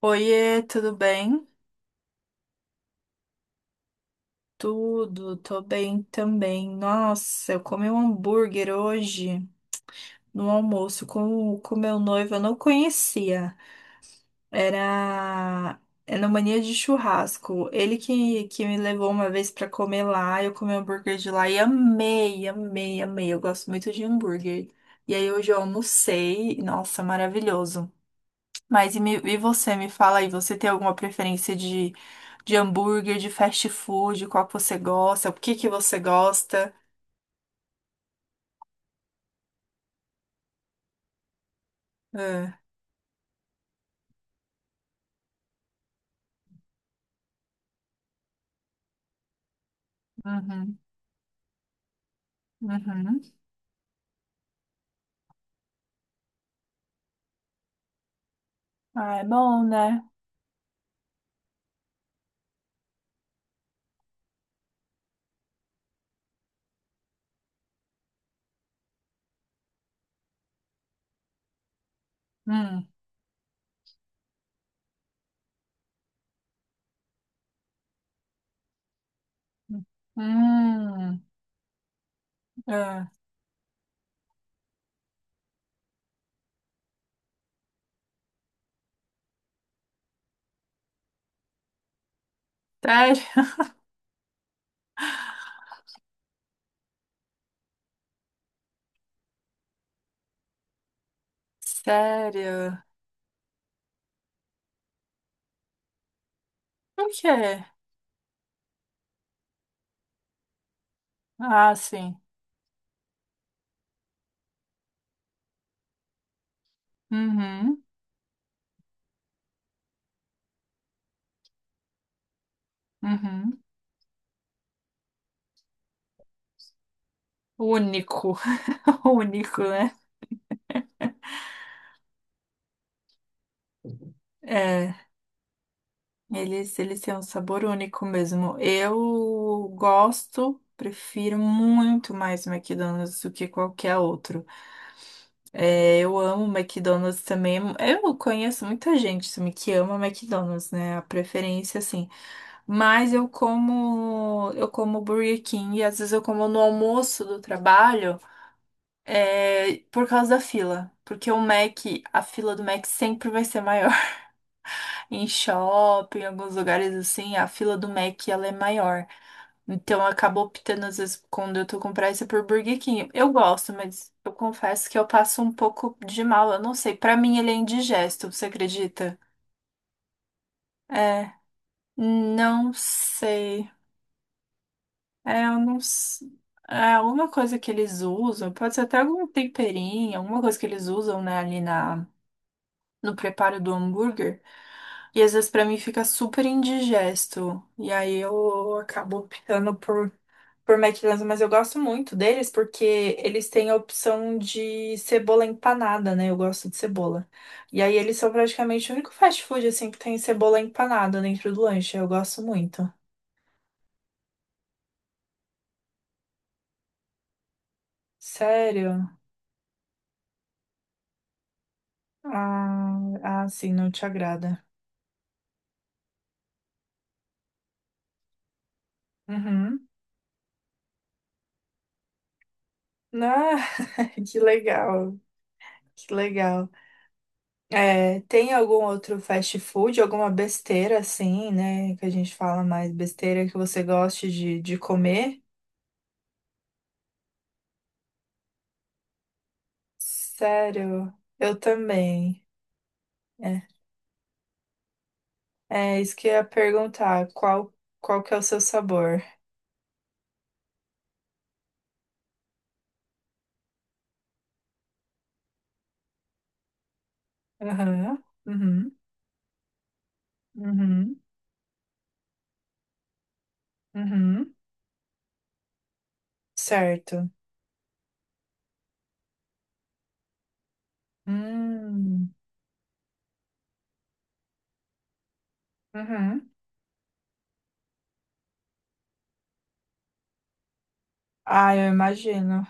Oiê, tudo bem? Tudo, tô bem também. Nossa, eu comi um hambúrguer hoje no almoço com o meu noivo, eu não conhecia. Era, era mania de churrasco. Ele que me levou uma vez pra comer lá, eu comi um hambúrguer de lá e amei, amei, amei. Eu gosto muito de hambúrguer. E aí hoje eu almocei, nossa, maravilhoso. Mas e você, me fala aí, você tem alguma preferência de hambúrguer, de fast food, qual que você gosta, o que que você gosta? Ah, uhum, uhum. Ah, é bom, né? Hum, hum, ah, sério? Sério? Por quê? Ah, sim. Uhum, uhum. Único, único, né? É. Eles têm um sabor único mesmo. Eu gosto, prefiro muito mais McDonald's do que qualquer outro. É, eu amo McDonald's também. Eu conheço muita gente também que ama McDonald's, né? A preferência, assim. Mas eu como Burger King e às vezes eu como no almoço do trabalho, é, por causa da fila. Porque o Mac, a fila do Mac sempre vai ser maior. Em shopping, em alguns lugares assim, a fila do Mac ela é maior. Então eu acabo optando, às vezes, quando eu tô com pressa, por Burger King. Eu gosto, mas eu confesso que eu passo um pouco de mal. Eu não sei. Pra mim ele é indigesto, você acredita? É, não sei. É, eu não sei. É alguma coisa que eles usam, pode ser até algum temperinho, alguma coisa que eles usam, né, no preparo do hambúrguer. E às vezes pra mim fica super indigesto. E aí eu acabo optando por McDonald's, mas eu gosto muito deles porque eles têm a opção de cebola empanada, né? Eu gosto de cebola. E aí eles são praticamente o único fast food assim que tem cebola empanada dentro do lanche. Eu gosto muito. Sério? Ah, ah, sim, não te agrada. Uhum. Ah, que legal. Que legal. É, tem algum outro fast food, alguma besteira assim, né? Que a gente fala mais besteira que você goste de comer? Sério, eu também. É, é isso que eu ia perguntar. Qual que é o seu sabor? Aham, uhum, uhum, uhum, certo. Hum, uhum. Ah, eu imagino.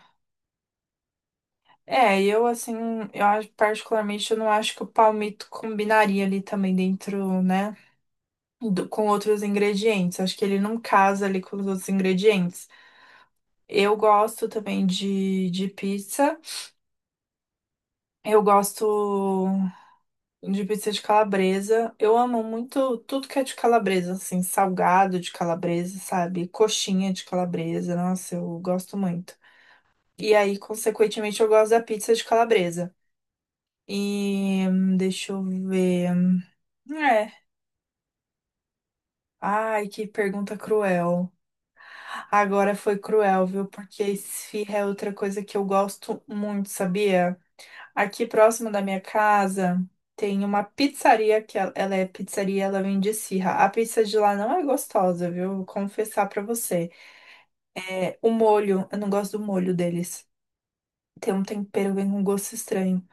É, eu assim, particularmente eu não acho que o palmito combinaria ali também dentro, né? Com outros ingredientes. Acho que ele não casa ali com os outros ingredientes. Eu gosto também de pizza. Eu gosto de pizza de calabresa. Eu amo muito tudo que é de calabresa, assim, salgado de calabresa, sabe? Coxinha de calabresa. Nossa, eu gosto muito. E aí, consequentemente, eu gosto da pizza de calabresa. E deixa eu ver. É. Ai, que pergunta cruel. Agora foi cruel, viu? Porque esfirra é outra coisa que eu gosto muito, sabia? Aqui próximo da minha casa tem uma pizzaria que ela é pizzaria, ela vende esfirra. A pizza de lá não é gostosa, viu? Vou confessar pra você. É, o molho, eu não gosto do molho deles. Tem um tempero, vem com um gosto estranho.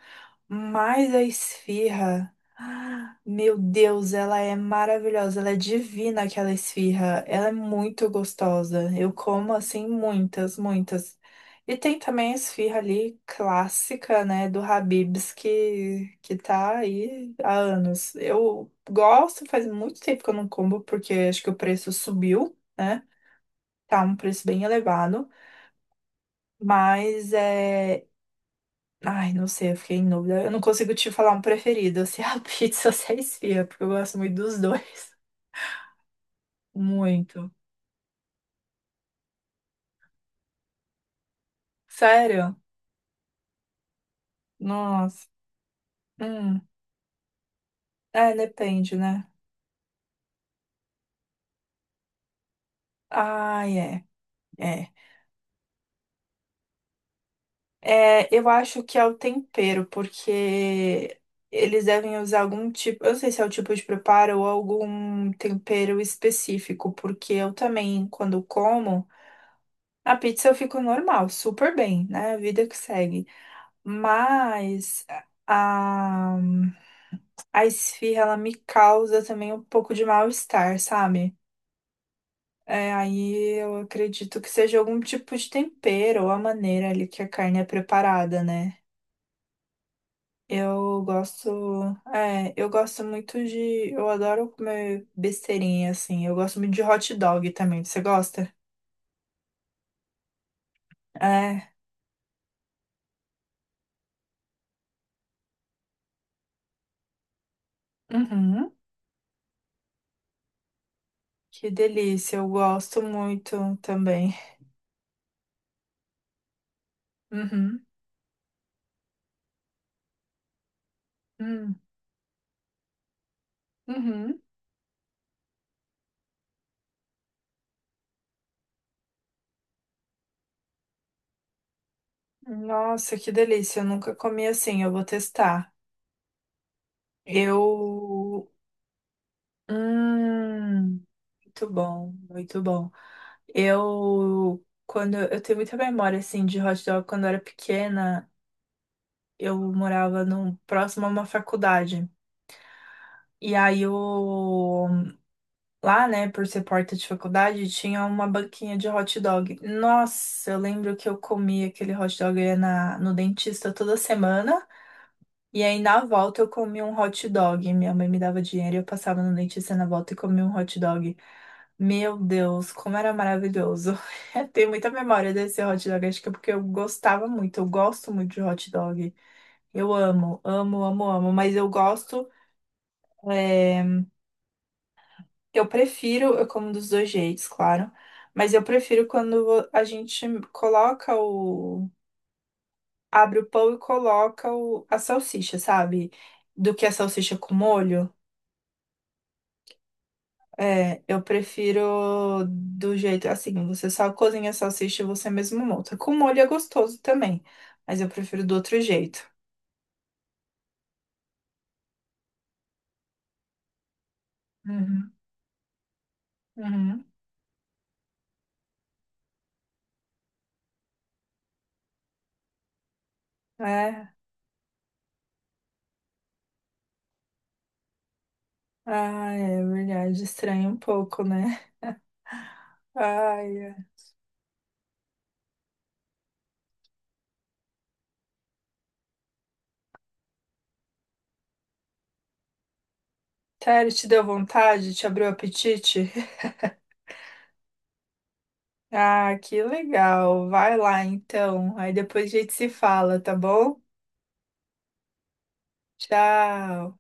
Mas a esfirra, ah, meu Deus, ela é maravilhosa, ela é divina aquela esfirra, ela é muito gostosa. Eu como assim muitas, muitas. E tem também a esfirra ali clássica, né, do Habib's que tá aí há anos. Eu gosto, faz muito tempo que eu não como porque acho que o preço subiu, né? Tá um preço bem elevado, mas é. Ai, não sei, eu fiquei em dúvida. Eu não consigo te falar um preferido, se é a pizza ou se é a esfirra, porque eu gosto muito dos dois. Muito. Sério? Nossa. Hum. É, depende, né? Ai, é, é. É, eu acho que é o tempero, porque eles devem usar algum tipo, eu não sei se é o tipo de preparo ou algum tempero específico, porque eu também, quando como, a pizza eu fico normal, super bem, né? A vida que segue. Mas a, a esfirra, ela me causa também um pouco de mal-estar, sabe? É, aí eu acredito que seja algum tipo de tempero ou a maneira ali que a carne é preparada, né? Eu gosto, é, eu gosto muito de, eu adoro comer besteirinha, assim. Eu gosto muito de hot dog também. Você gosta? É. Uhum. Que delícia. Eu gosto muito também. Uhum. Hum. Uhum. Nossa, que delícia. Eu nunca comi assim. Eu vou testar. Eu. Hum, muito bom, muito bom. Eu. Quando eu tenho muita memória assim de hot dog quando eu era pequena, eu morava num, próximo a uma faculdade. E aí eu lá, né, por ser porta de faculdade, tinha uma banquinha de hot dog. Nossa, eu lembro que eu comia aquele hot dog eu ia no dentista toda semana. E aí na volta eu comi um hot dog. Minha mãe me dava dinheiro e eu passava no dentista na volta e comia um hot dog. Meu Deus, como era maravilhoso. Eu tenho muita memória desse hot dog, acho que é porque eu gostava muito, eu gosto muito de hot dog. Eu amo, amo, amo, amo, mas eu gosto, é, eu prefiro, eu como dos dois jeitos, claro, mas eu prefiro quando a gente coloca o, abre o pão e coloca a salsicha, sabe? Do que a salsicha com molho. É, eu prefiro do jeito assim, você só cozinha a salsicha e você mesmo monta. Com molho é gostoso também, mas eu prefiro do outro jeito. Uhum, uhum. É, ah, é verdade, estranha um pouco, né? Ai, ai. Sério, te deu vontade? Te abriu o apetite? Ah, que legal. Vai lá então. Aí depois a gente se fala, tá bom? Tchau.